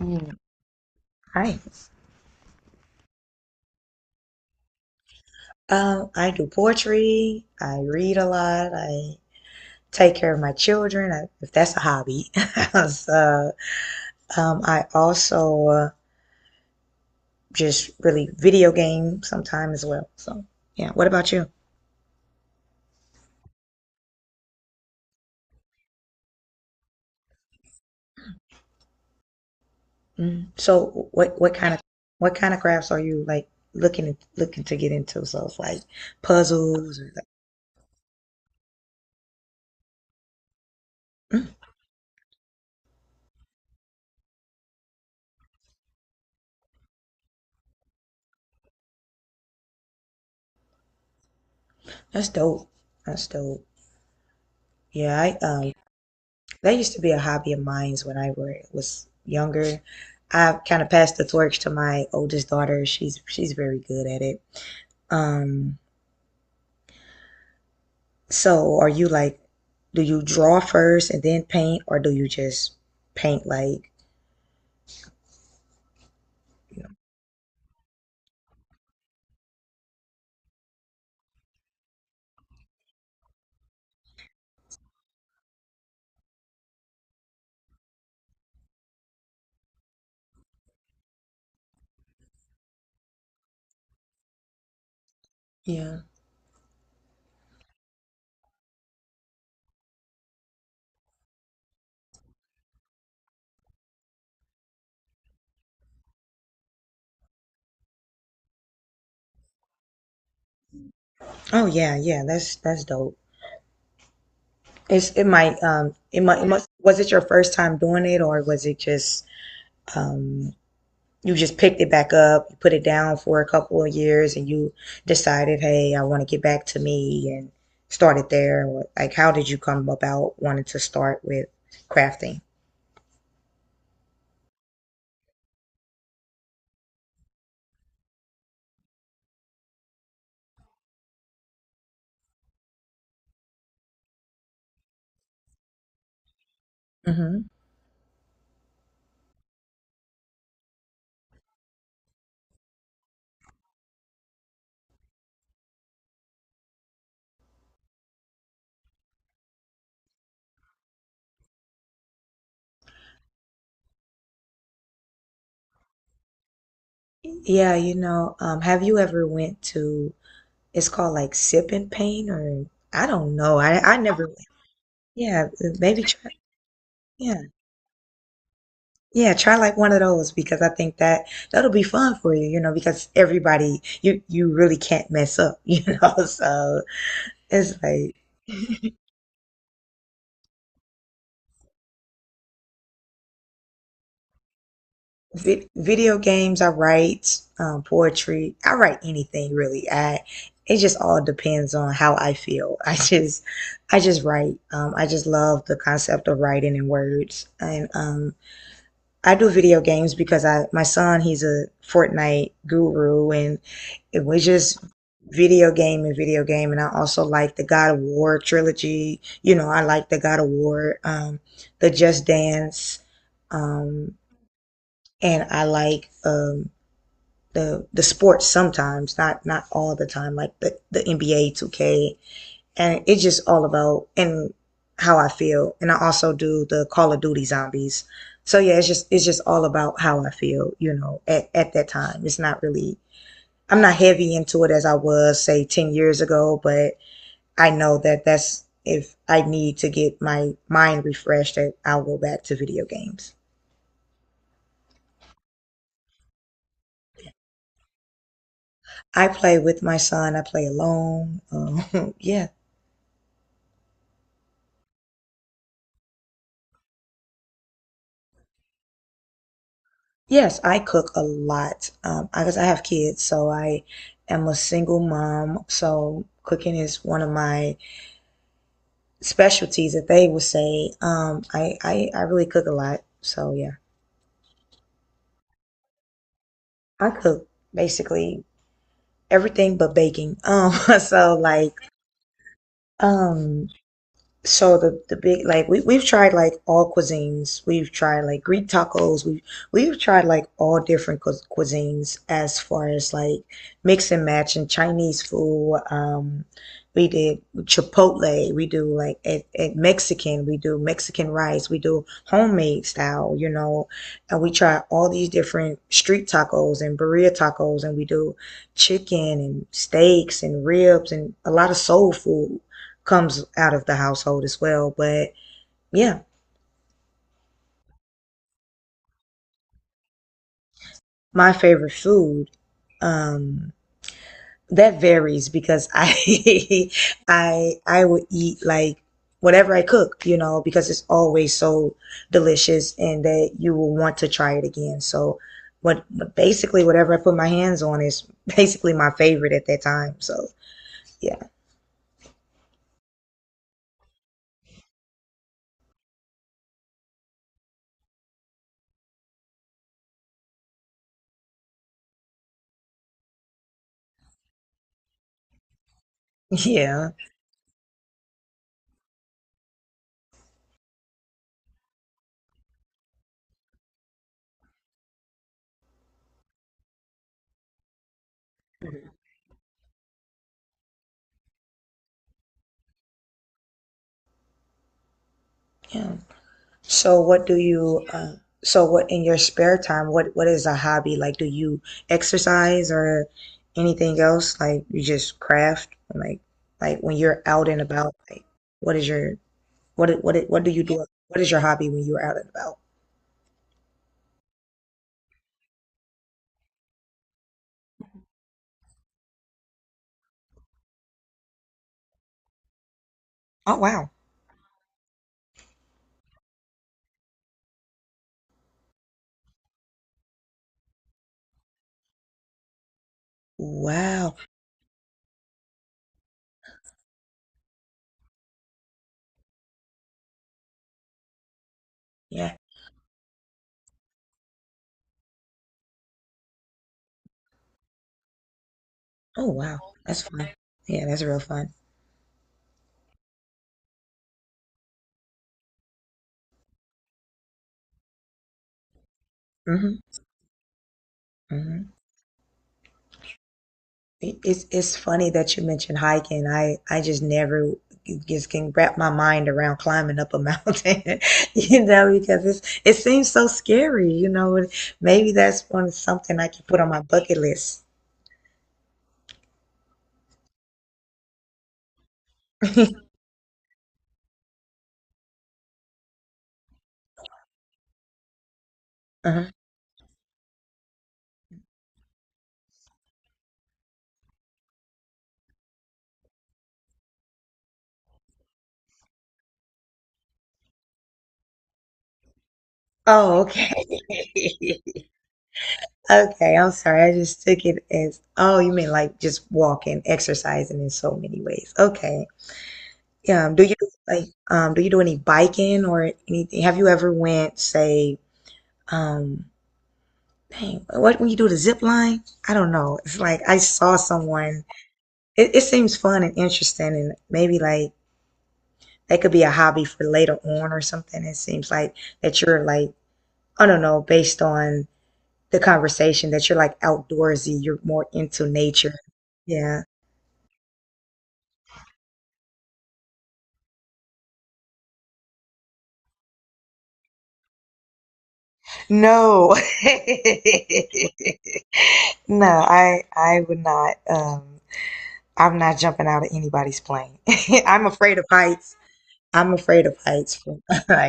Mm, Right. I do poetry. I read a lot. I take care of my children, I, if that's a hobby. So, I also just really video game sometime as well. So, yeah. What about you? Mm. So, what kind of what kind of crafts are you like looking to get into? So, it's like puzzles or like. Mm, that's dope. That's dope. Yeah, I. That used to be a hobby of mine when was younger. I've kind of passed the torch to my oldest daughter. She's very good at it. Um, so are you like, do you draw first and then paint, or do you just paint like, you know? Yeah. Oh yeah, yeah. That's dope. It's it might it might it must was it your first time doing it or was it just um you just picked it back up, you put it down for a couple of years, and you decided, hey, I want to get back to me and started there? Like, how did you come about wanting to start with crafting? Hmm. Yeah, have you ever went to, it's called like Sip and Paint or I don't know. I never, yeah, maybe try, yeah. Yeah, try like one of those because I think that that'll be fun for you, because everybody you really can't mess up, So it's like video games. I write poetry. I write anything really. I it just all depends on how I feel. I just write. I just love the concept of writing in words. And I do video games because I my son he's a Fortnite guru, and it was just video game. And I also like the God of War trilogy. I like the God of War, the Just Dance. Um, and I like the sports sometimes, not all the time, like the NBA 2K, and it's just all about and how I feel. And I also do the Call of Duty Zombies. So yeah, it's just all about how I feel, at that time. It's not really I'm not heavy into it as I was say 10 years ago, but I know that that's if I need to get my mind refreshed that I'll go back to video games. I play with my son. I play alone. Yeah. Yes, I cook a lot. I guess I have kids, so I am a single mom. So cooking is one of my specialties that they would say. I really cook a lot. So yeah, I cook basically everything but baking. So like, um, so the big like we we've tried like all cuisines. We've tried like Greek tacos. We've tried like all different cu cuisines as far as like mix and match and Chinese food. We did Chipotle. We do like at Mexican. We do Mexican rice. We do homemade style, and we try all these different street tacos and burrito tacos, and we do chicken and steaks and ribs and a lot of soul food comes out of the household as well. But yeah, my favorite food, um, that varies because I I will eat like whatever I cook, because it's always so delicious and that you will want to try it again. So what but basically whatever I put my hands on is basically my favorite at that time. So yeah. Yeah. Yeah. So what do you so what in your spare time, what is a hobby? Like do you exercise or anything else? Like you just craft? Like when you're out and about, like what is your what do you do? What is your hobby when you're out and about? Oh wow. Wow. Yeah. Oh wow. That's fun. Yeah, that's real fun. Mm-hmm. Mm-hmm. It's funny that you mentioned hiking. I just never just can wrap my mind around climbing up a mountain, because it's it seems so scary, And maybe that's one something I can put on my bucket list. Uh-huh. Oh, okay. Okay, I'm sorry. I just took it as, oh, you mean like just walking, exercising in so many ways. Okay. Yeah. Do you like do you do any biking or anything? Have you ever went, say, um dang, what when you do the zip line? I don't know. It's like I saw someone. It seems fun and interesting, and maybe like that could be a hobby for later on or something. It seems like that you're like I don't know, based on the conversation that you're like outdoorsy. You're more into nature. Yeah. No. No, I would not. I'm not jumping out of anybody's plane. I'm afraid of heights. I'm afraid of heights. From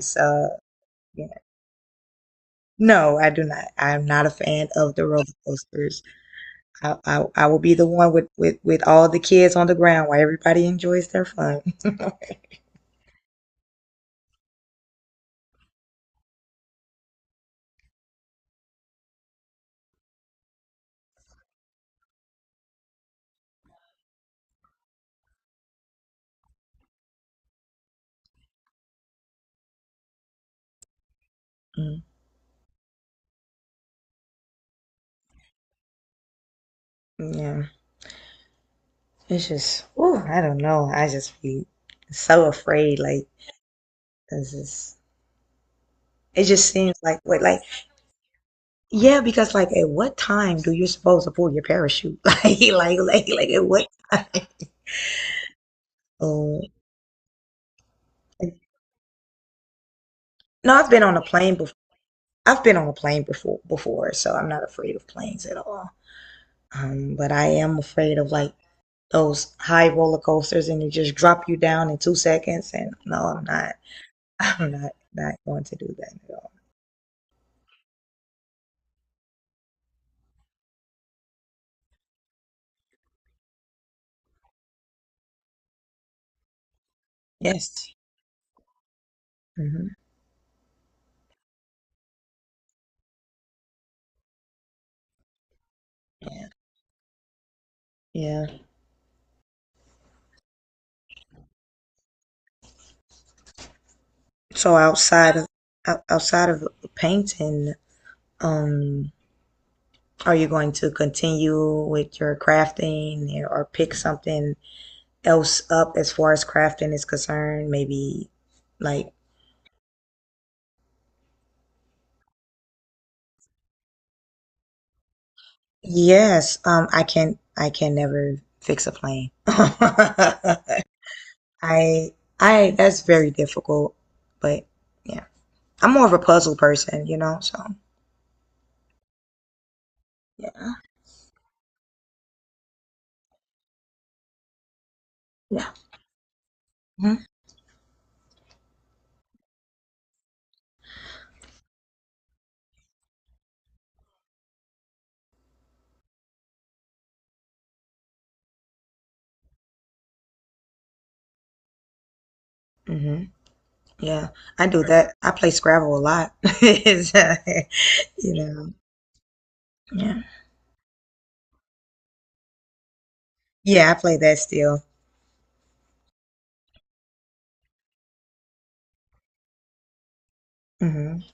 so. Yeah. No, I do not. I'm not a fan of the roller coasters. I will be the one with, with all the kids on the ground while everybody enjoys their fun. Mm, yeah, it's just, oh, I don't know. I just be so afraid. Like, 'cause it's, it just seems like what, like yeah, because like at what time do you supposed to pull your parachute? Like at what time? Oh. No, I've been on a plane before. I've been on a plane before before, so I'm not afraid of planes at all. But I am afraid of like those high roller coasters and they just drop you down in 2 seconds and no, I'm not. I'm not not going to do that at all. Yes. Hmm. Yeah. Yeah. So outside of outside of painting, um are you going to continue with your crafting or pick something else up as far as crafting is concerned? Maybe like, yes, I can never fix a plane. I, that's very difficult, but yeah, I'm more of a puzzle person, so yeah, yeah. Hmm. Hmm. Yeah, I do that. I play Scrabble a lot. It's, you know, yeah. Yeah, I play that still. Hmm.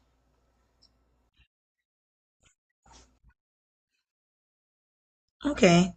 Okay.